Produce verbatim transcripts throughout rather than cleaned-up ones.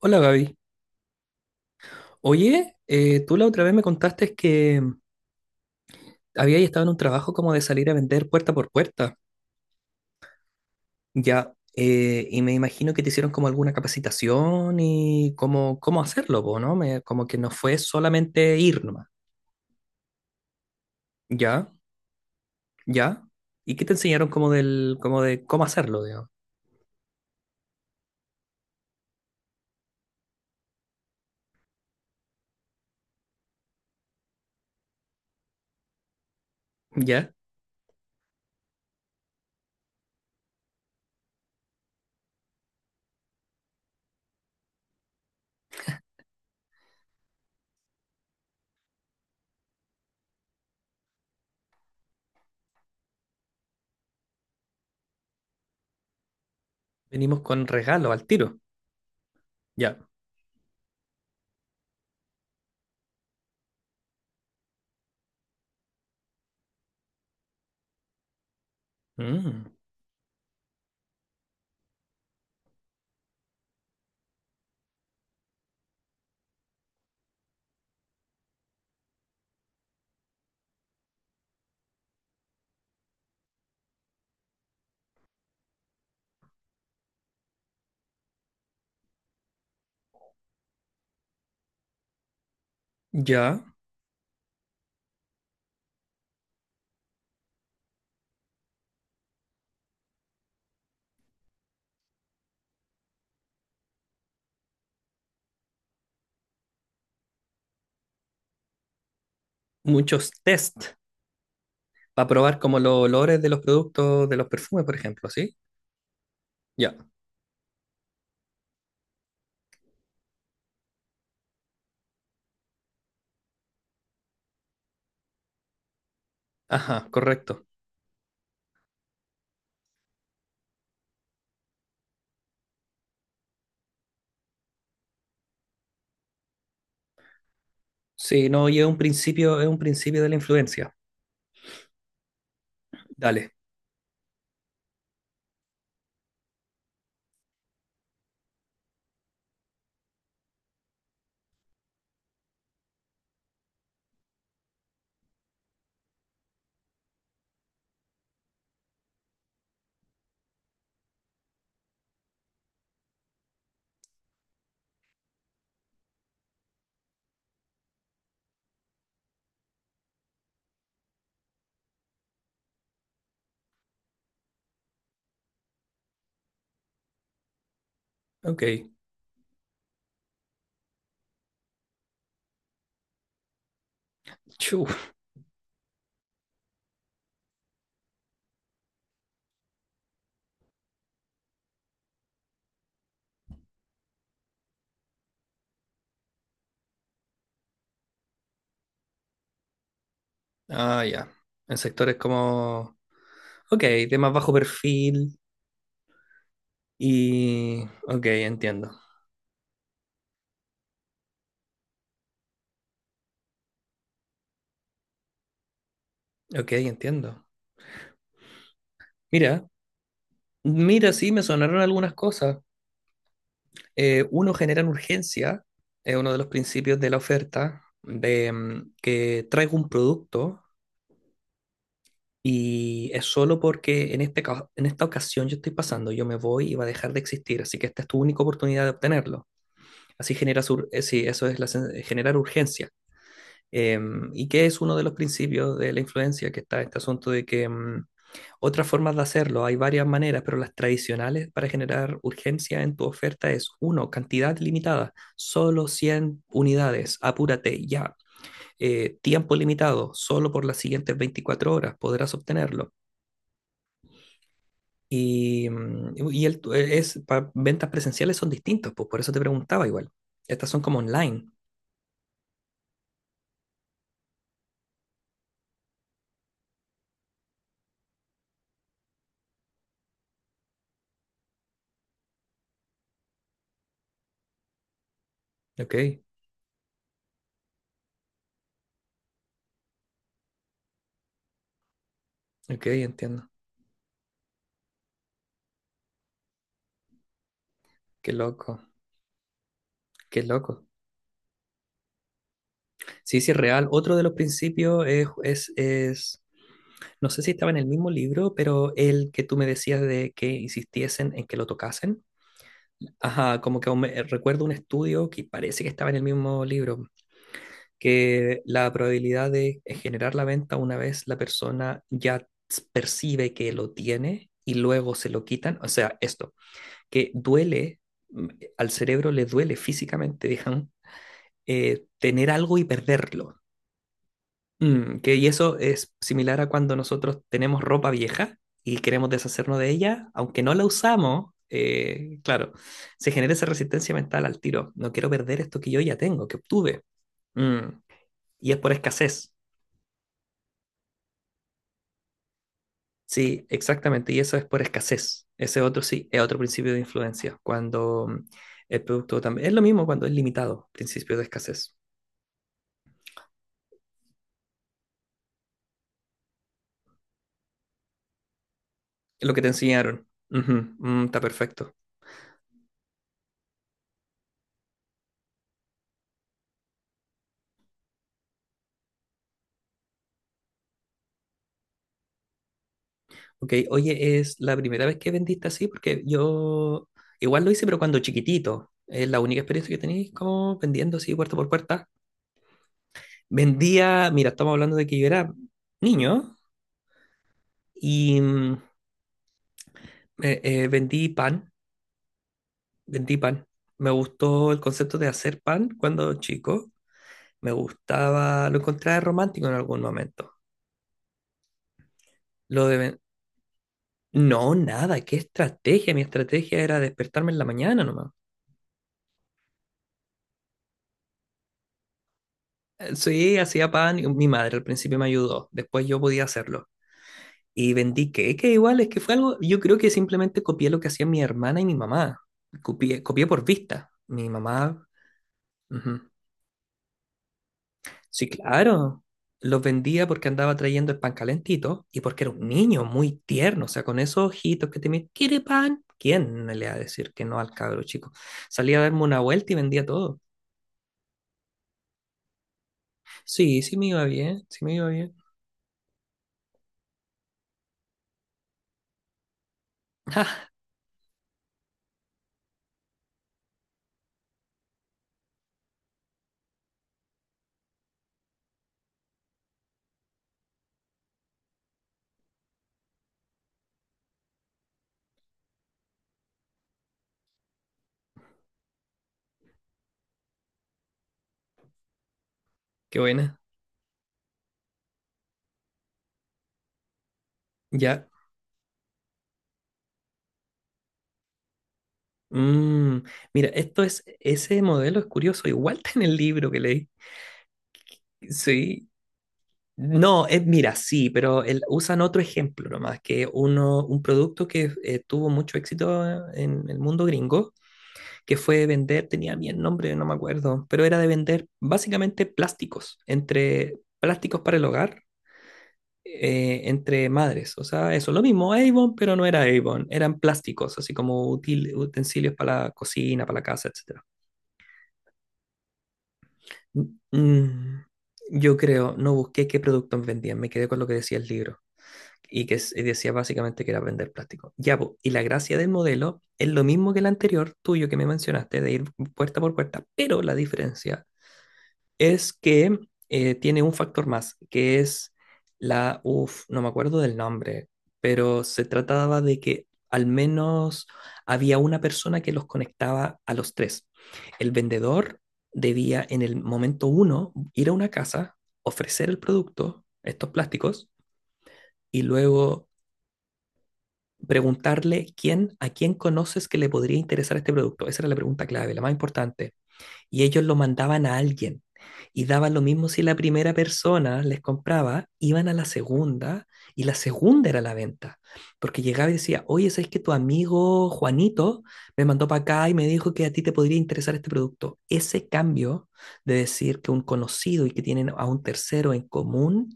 Hola Gaby. Oye, eh, tú la otra vez me contaste que habías estado en un trabajo como de salir a vender puerta por puerta. Ya, eh, y me imagino que te hicieron como alguna capacitación y cómo, cómo hacerlo, po, ¿no? Me- como que no fue solamente ir nomás. Ya, ya. ¿Y qué te enseñaron como del, como de cómo hacerlo, digamos? Ya. Venimos con regalo al tiro. Ya. Mm, ya. Muchos test para probar como los olores de los productos, de los perfumes, por ejemplo, ¿sí? Ya. Ajá, correcto. Sí, no, y es un principio, es un principio de la influencia. Dale. Ok. Chu. Ah, ya. En sectores como. Ok, de más bajo perfil. Y. Ok, entiendo. Ok, entiendo. Mira, mira, sí, me sonaron algunas cosas. Eh, uno genera urgencia, es uno de los principios de la oferta, de mm, que traigo un producto. Y es solo porque en este, ca- en esta ocasión yo estoy pasando, yo me voy y va a dejar de existir, así que esta es tu única oportunidad de obtenerlo. Así generas, ur- eh, sí, eso es la sen- eh, generar urgencia. Em, y que es uno de los principios de la influencia, que está este asunto de que mm, otras formas de hacerlo, hay varias maneras, pero las tradicionales para generar urgencia en tu oferta es, uno, cantidad limitada, solo cien unidades, apúrate ya. Eh, tiempo limitado, solo por las siguientes veinticuatro horas podrás obtenerlo. Y, mm, y el, tu- e, es, para ventas presenciales son distintos, pues por eso te preguntaba igual. Estas son como online. Ok, ok, entiendo. Qué loco, qué loco. Sí, sí, es real. Otro de los principios es, es, es, no sé si estaba en el mismo libro, pero el que tú me decías de que insistiesen en que lo tocasen. Ajá, como que aún me- recuerdo un estudio que parece que estaba en el mismo libro, que la probabilidad de eh, generar la venta una vez la persona ya percibe que lo tiene y luego se lo quitan, o sea, esto, que duele, mm, eh, al cerebro le duele físicamente, digamos, eh, tener algo y perderlo. Mm, que, y eso es similar a cuando nosotros tenemos ropa vieja y queremos deshacernos de ella, aunque no la usamos, eh, claro, se genera esa resistencia mental al tiro. No quiero perder esto que yo ya tengo, que obtuve. Mm, y es por escasez. Sí, exactamente, y eso es por escasez. Ese otro sí, es otro principio de influencia, cuando mm, el producto también. Es lo mismo cuando es limitado, principio de escasez. Es lo que te enseñaron. Ujú, mm, está perfecto. Ok, oye, ¿es la primera vez que vendiste así? Porque yo igual lo hice, pero cuando chiquitito. Es la única experiencia que tenéis como vendiendo así puerta por puerta. Vendía, mira, estamos hablando de que yo era niño y mm, eh, eh, vendí pan. Vendí pan. Me gustó el concepto de hacer pan cuando chico. Me gustaba, lo encontraba romántico en algún momento. Lo de... ven- No, nada, qué estrategia. Mi estrategia era despertarme en la mañana nomás. Eh, Sí, hacía pan y mi madre al principio me ayudó. Después yo podía hacerlo. Y vendí queque igual, es que fue algo, yo creo que simplemente copié lo que hacían mi hermana y mi mamá. Copié, copié por vista. Mi mamá. Ujú. Sí, claro. Los vendía porque andaba trayendo el pan calentito y porque era un niño muy tierno, o sea, con esos ojitos que te miran, ¿quiere pan? ¿Quién le va a decir que no al cabro chico? Salía a darme una vuelta y vendía todo. Sí, sí me iba bien, sí me iba bien. Qué buena. Ya. Mm, Mira, esto es, ese modelo es curioso, igual está en el libro que leí. Sí. No, es, mira, sí, pero el- usan otro ejemplo nomás, que uno, un producto que eh, tuvo mucho éxito en el mundo gringo, que fue de vender, tenía bien nombre, no me acuerdo, pero era de vender básicamente plásticos, entre plásticos para el hogar, eh, entre madres. O sea, eso, lo mismo Avon, pero no era Avon, eran plásticos, así como util- utensilios para la cocina, para la casa, etcétera. Mm, yo creo, no busqué qué productos vendían, me quedé con lo que decía el libro y que s- decía básicamente que era vender plástico. Ya, po, y la gracia del modelo es lo mismo que el anterior tuyo que me mencionaste, de ir puerta por puerta, pero la diferencia es que eh, tiene un factor más, que es la, uff, no me acuerdo del nombre, pero se trataba de que al menos había una persona que los conectaba a los tres. El vendedor debía en el momento uno ir a una casa, ofrecer el producto, estos plásticos, y luego preguntarle quién, a quién conoces que le podría interesar este producto. Esa era la pregunta clave, la más importante, y ellos lo mandaban a alguien. Y daba lo mismo si la primera persona les compraba, iban a la segunda y la segunda era la venta. Porque llegaba y decía, oye, ¿sabes que tu amigo Juanito me mandó para acá y me dijo que a ti te podría interesar este producto? Ese cambio de decir que un conocido y que tienen a un tercero en común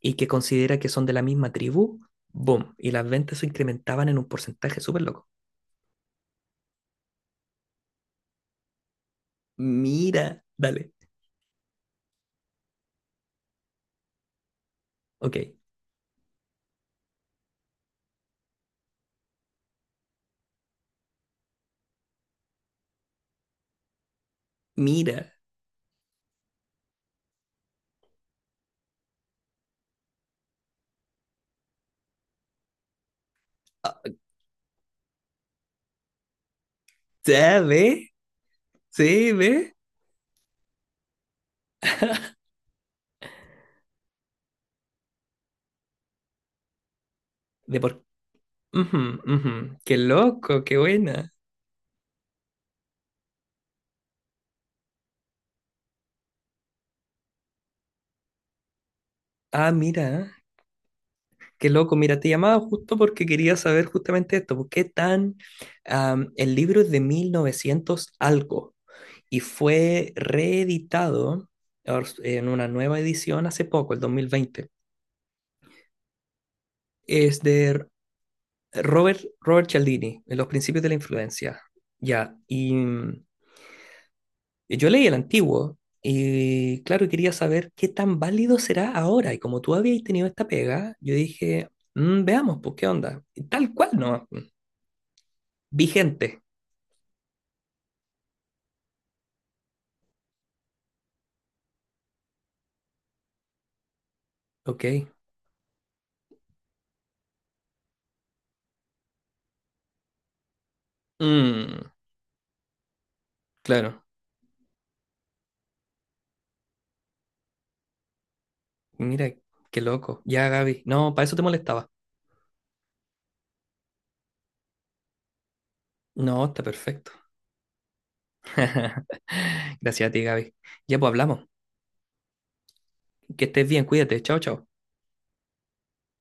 y que considera que son de la misma tribu, boom, y las ventas se incrementaban en un porcentaje súper loco. Mira, dale, ok, mira, ya, ve, sí, ve. De por... Ujú, ujú. Qué loco, qué buena. Ah, mira, qué loco. Mira, te llamaba justo porque quería saber justamente esto. ¿Por ¿Qué tan... am, ¿El libro es de mil novecientos algo y fue reeditado or- en una nueva edición hace poco, el dos mil veinte? Es de R- Robert, Robert Cialdini, en Los Principios de la Influencia. Ya, y... Eh, Yo leí el antiguo y claro, quería saber qué tan válido será ahora. Y como tú habías tenido esta pega, yo dije: "Mm, veamos, pues, qué onda. Y tal cual, ¿no?". Vigente. Ok. Mm, claro. Mira, qué loco. Ya, Gaby. No, para eso te molestaba. No, está perfecto. Gracias a ti, Gaby. Ya, pues hablamos. Que estés bien, cuídate. Chao, chao.